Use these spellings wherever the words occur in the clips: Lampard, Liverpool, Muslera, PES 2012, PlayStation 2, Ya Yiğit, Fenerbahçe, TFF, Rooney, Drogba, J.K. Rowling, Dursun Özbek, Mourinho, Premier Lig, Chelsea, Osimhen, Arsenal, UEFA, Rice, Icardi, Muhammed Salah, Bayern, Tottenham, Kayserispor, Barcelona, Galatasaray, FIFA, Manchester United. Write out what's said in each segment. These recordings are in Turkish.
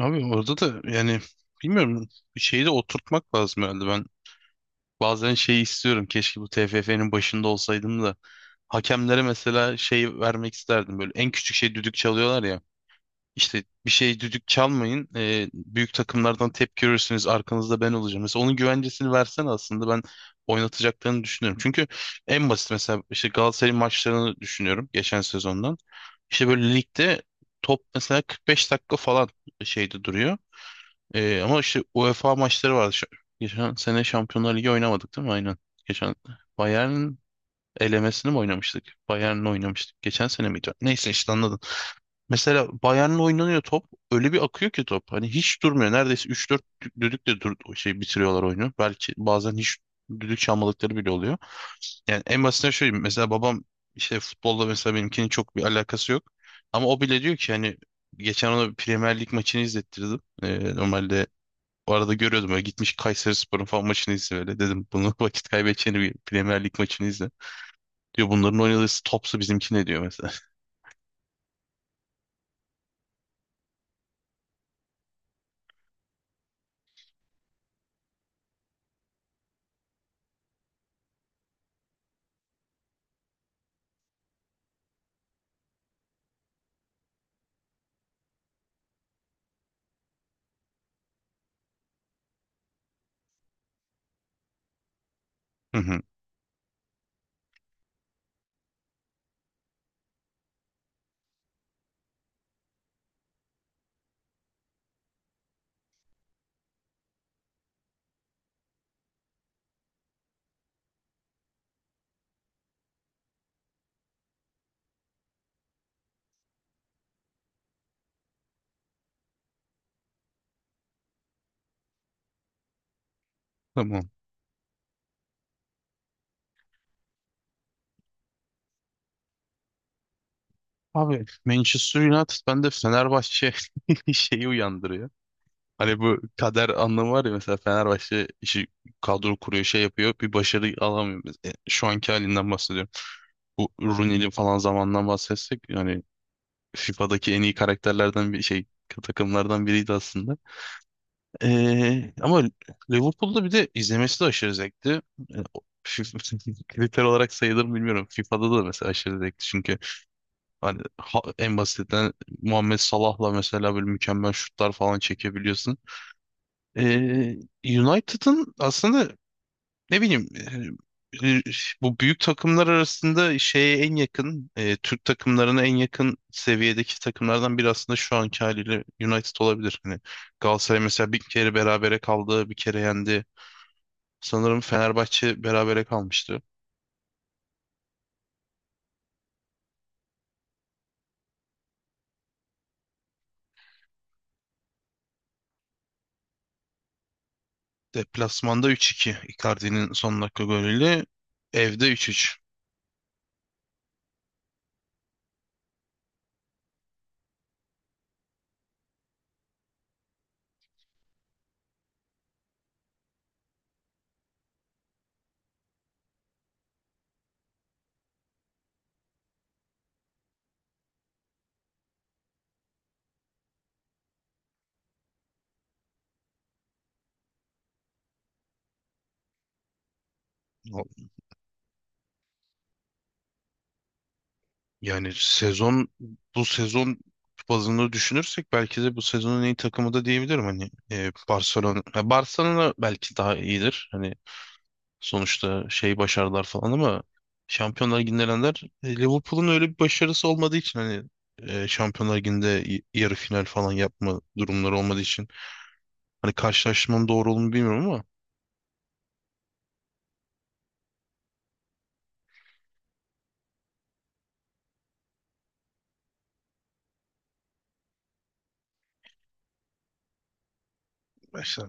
Abi orada da yani bilmiyorum bir şeyi de oturtmak lazım herhalde. Ben bazen şeyi istiyorum. Keşke bu TFF'nin başında olsaydım da hakemlere mesela şey vermek isterdim. Böyle en küçük şey düdük çalıyorlar ya. İşte bir şey düdük çalmayın. Büyük takımlardan tepki görürsünüz. Arkanızda ben olacağım. Mesela onun güvencesini versen aslında ben oynatacaklarını düşünüyorum. Çünkü en basit mesela işte Galatasaray'ın maçlarını düşünüyorum geçen sezondan. İşte böyle ligde top mesela 45 dakika falan şeyde duruyor. Ama işte UEFA maçları vardı. Geçen sene Şampiyonlar Ligi oynamadık değil mi? Aynen. Geçen Bayern'in elemesini mi oynamıştık? Bayern'le oynamıştık. Geçen sene miydi? Neyse işte anladın. Mesela Bayern'le oynanıyor top. Öyle bir akıyor ki top. Hani hiç durmuyor. Neredeyse üç dört düdükle dur şey bitiriyorlar oyunu. Belki bazen hiç düdük çalmadıkları bile oluyor. Yani en basitinden şöyle diyeyim. Mesela babam işte futbolda mesela benimkinin çok bir alakası yok. Ama o bile diyor ki hani geçen ona bir Premier Lig maçını izlettirdim. Normalde o arada görüyordum öyle gitmiş Kayserispor'un falan maçını izle öyle. Dedim bunu vakit kaybedeceğini bir Premier Lig maçını izle. Diyor bunların oynadığı topsu bizimki ne diyor mesela. Hı hı. Tamam. Abi Manchester United bende Fenerbahçe şeyi uyandırıyor. Hani bu kader anlamı var ya mesela Fenerbahçe işi kadro kuruyor şey yapıyor bir başarı alamıyor. Mesela, şu anki halinden bahsediyorum. Bu Rooney'li falan zamandan bahsetsek yani FIFA'daki en iyi karakterlerden bir şey takımlardan biriydi aslında. Ama Liverpool'da bir de izlemesi de aşırı zevkti. Ee, o- Kriter olarak sayılır mı bilmiyorum. FIFA'da da mesela aşırı zevkti. Çünkü hani en basitinden Muhammed Salah'la mesela böyle mükemmel şutlar falan çekebiliyorsun. Ee, United'ın aslında ne bileyim e, e, bu büyük takımlar arasında şeye en yakın Türk takımlarına en yakın seviyedeki takımlardan biri aslında şu anki haliyle United olabilir. Hani Galatasaray mesela bir kere berabere kaldı, bir kere yendi. Sanırım Fenerbahçe berabere kalmıştı. Deplasmanda 3-2 Icardi'nin son dakika golüyle evde 3-3. Yani sezon bu sezon bazında düşünürsek belki de bu sezonun en iyi takımı da diyebilirim hani Barcelona Barcelona belki daha iyidir. Hani sonuçta şey başarılar falan ama Şampiyonlar Ligi'nde elenenler Liverpool'un öyle bir başarısı olmadığı için hani Şampiyonlar Ligi'nde yarı final falan yapma durumları olmadığı için hani karşılaştırmanın doğru olduğunu bilmiyorum ama işte.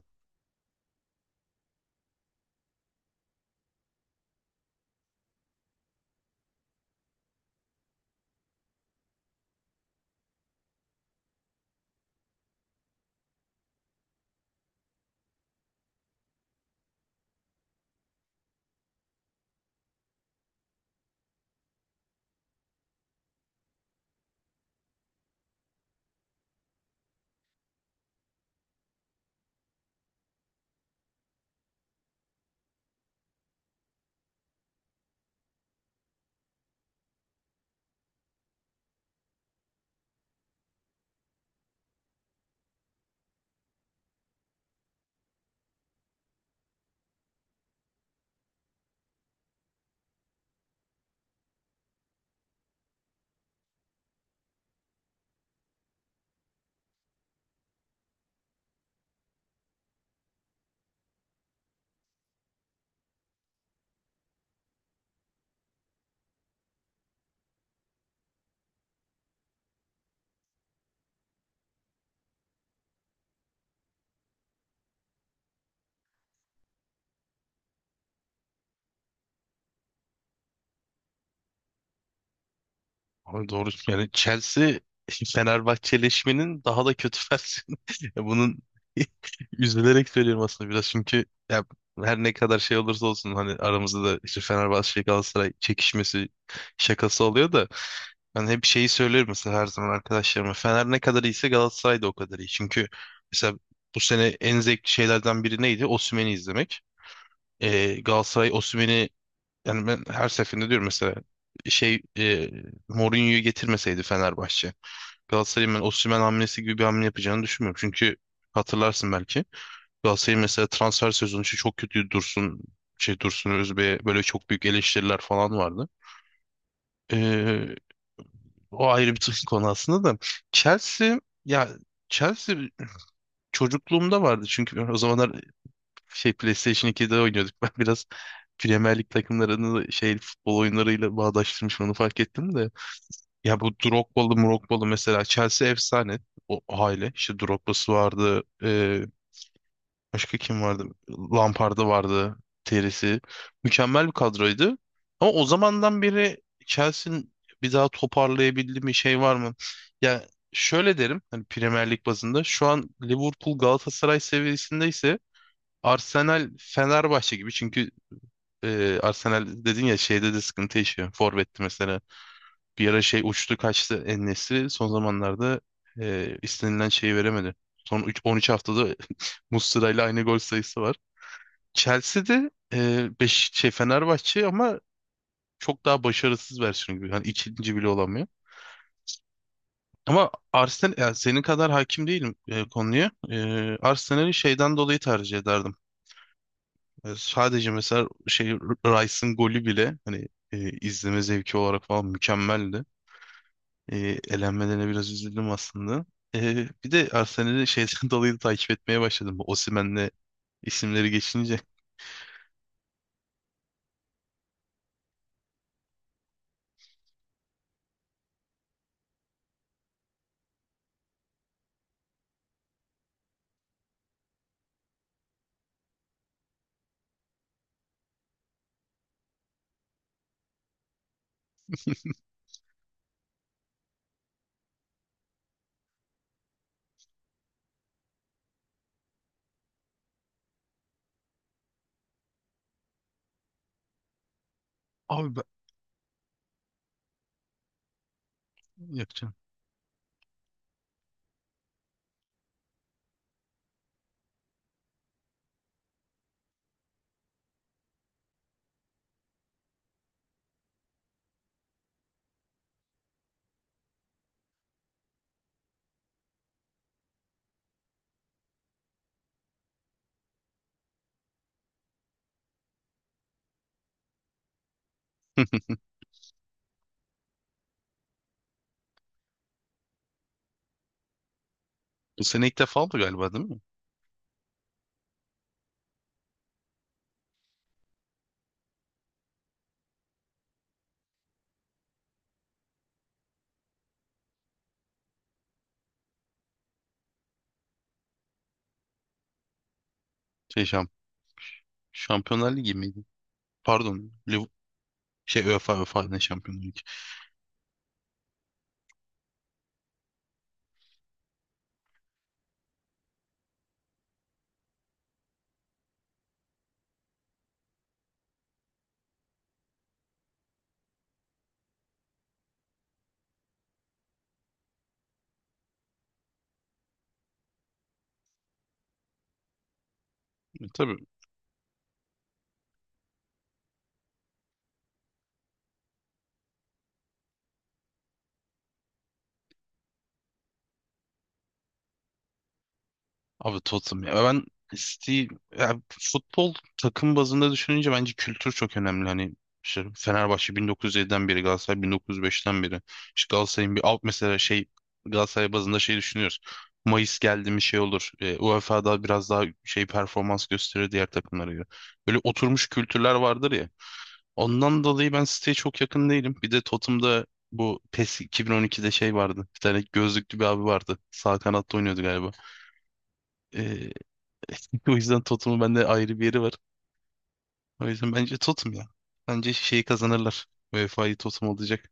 Abi doğru yani Chelsea Fenerbahçeleşmenin daha da kötü. Ya bunun üzülerek söylüyorum aslında biraz çünkü ya her ne kadar şey olursa olsun hani aramızda da işte Fenerbahçe şey Galatasaray çekişmesi şakası oluyor da ben hep şeyi söylüyorum mesela her zaman arkadaşlarıma Fener ne kadar iyiyse Galatasaray da o kadar iyi. Çünkü mesela bu sene en zevkli şeylerden biri neydi? Osimhen'i izlemek. Galatasaray Osimhen'i yani ben her seferinde diyorum mesela şey Mourinho'yu getirmeseydi Fenerbahçe Galatasaray'ın ben Osimhen hamlesi gibi bir hamle yapacağını düşünmüyorum. Çünkü hatırlarsın belki. Galatasaray'ın mesela transfer sezonu için çok kötü Dursun şey Dursun Özbek'e böyle çok büyük eleştiriler falan vardı. Ee, O ayrı bir konu aslında da. Chelsea ya Chelsea çocukluğumda vardı çünkü o zamanlar şey PlayStation 2'de oynuyorduk. Ben biraz Premier Lig takımlarını şey futbol oyunlarıyla bağdaştırmışım onu fark ettim de. Ya bu Drogba'lı Mrogba'lı mesela Chelsea efsane o aile. İşte Drogba'sı vardı. Başka kim vardı? Lampard'ı vardı. Terisi. Mükemmel bir kadroydu. Ama o zamandan beri Chelsea'nin bir daha toparlayabildiği bir şey var mı? Ya şöyle derim hani Premier Lig bazında şu an Liverpool Galatasaray seviyesinde ise Arsenal Fenerbahçe gibi çünkü Arsenal dedin ya şeyde de sıkıntı yaşıyor. Forvet'ti mesela. Bir ara şey uçtu kaçtı en son zamanlarda istenilen şeyi veremedi. Son 13 haftada Muslera ile aynı gol sayısı var. Chelsea'de beş, şey Fenerbahçe ama çok daha başarısız versiyonu gibi. Yani ikinci bile olamıyor. Ama Arsenal yani senin kadar hakim değilim konuya. Arsenal'i şeyden dolayı tercih ederdim. Sadece mesela şey Rice'ın golü bile hani izleme zevki olarak falan mükemmeldi. E, Elenmelerine biraz üzüldüm aslında. Bir de Arsenal'i şeyden dolayı da takip etmeye başladım. Bu Osimhen'le isimleri geçince. Abi ben yapacağım. Bu sene ilk defa oldu galiba değil mi? Şey Şampiyonlar Ligi miydi? Pardon. Şey UEFA, UEFA ne, Şampiyonlar Ligi. Tabii abi Tottenham ya. Ben City ya futbol takım bazında düşününce bence kültür çok önemli. Hani işte Fenerbahçe 1907'den beri, Galatasaray 1905'ten beri. İşte Galatasaray'ın bir alt mesela şey Galatasaray bazında şey düşünüyoruz. Mayıs geldi mi şey olur. UEFA'da biraz daha şey performans gösterir diğer takımlara göre. Böyle oturmuş kültürler vardır ya. Ondan dolayı ben siteye çok yakın değilim. Bir de Totem'da bu PES 2012'de şey vardı. Bir tane gözlüklü bir abi vardı. Sağ kanatta oynuyordu galiba. Ee, O yüzden Totem'ın bende ayrı bir yeri var. O yüzden bence Totem ya. Bence şeyi kazanırlar. UEFA'yı Totem alacak.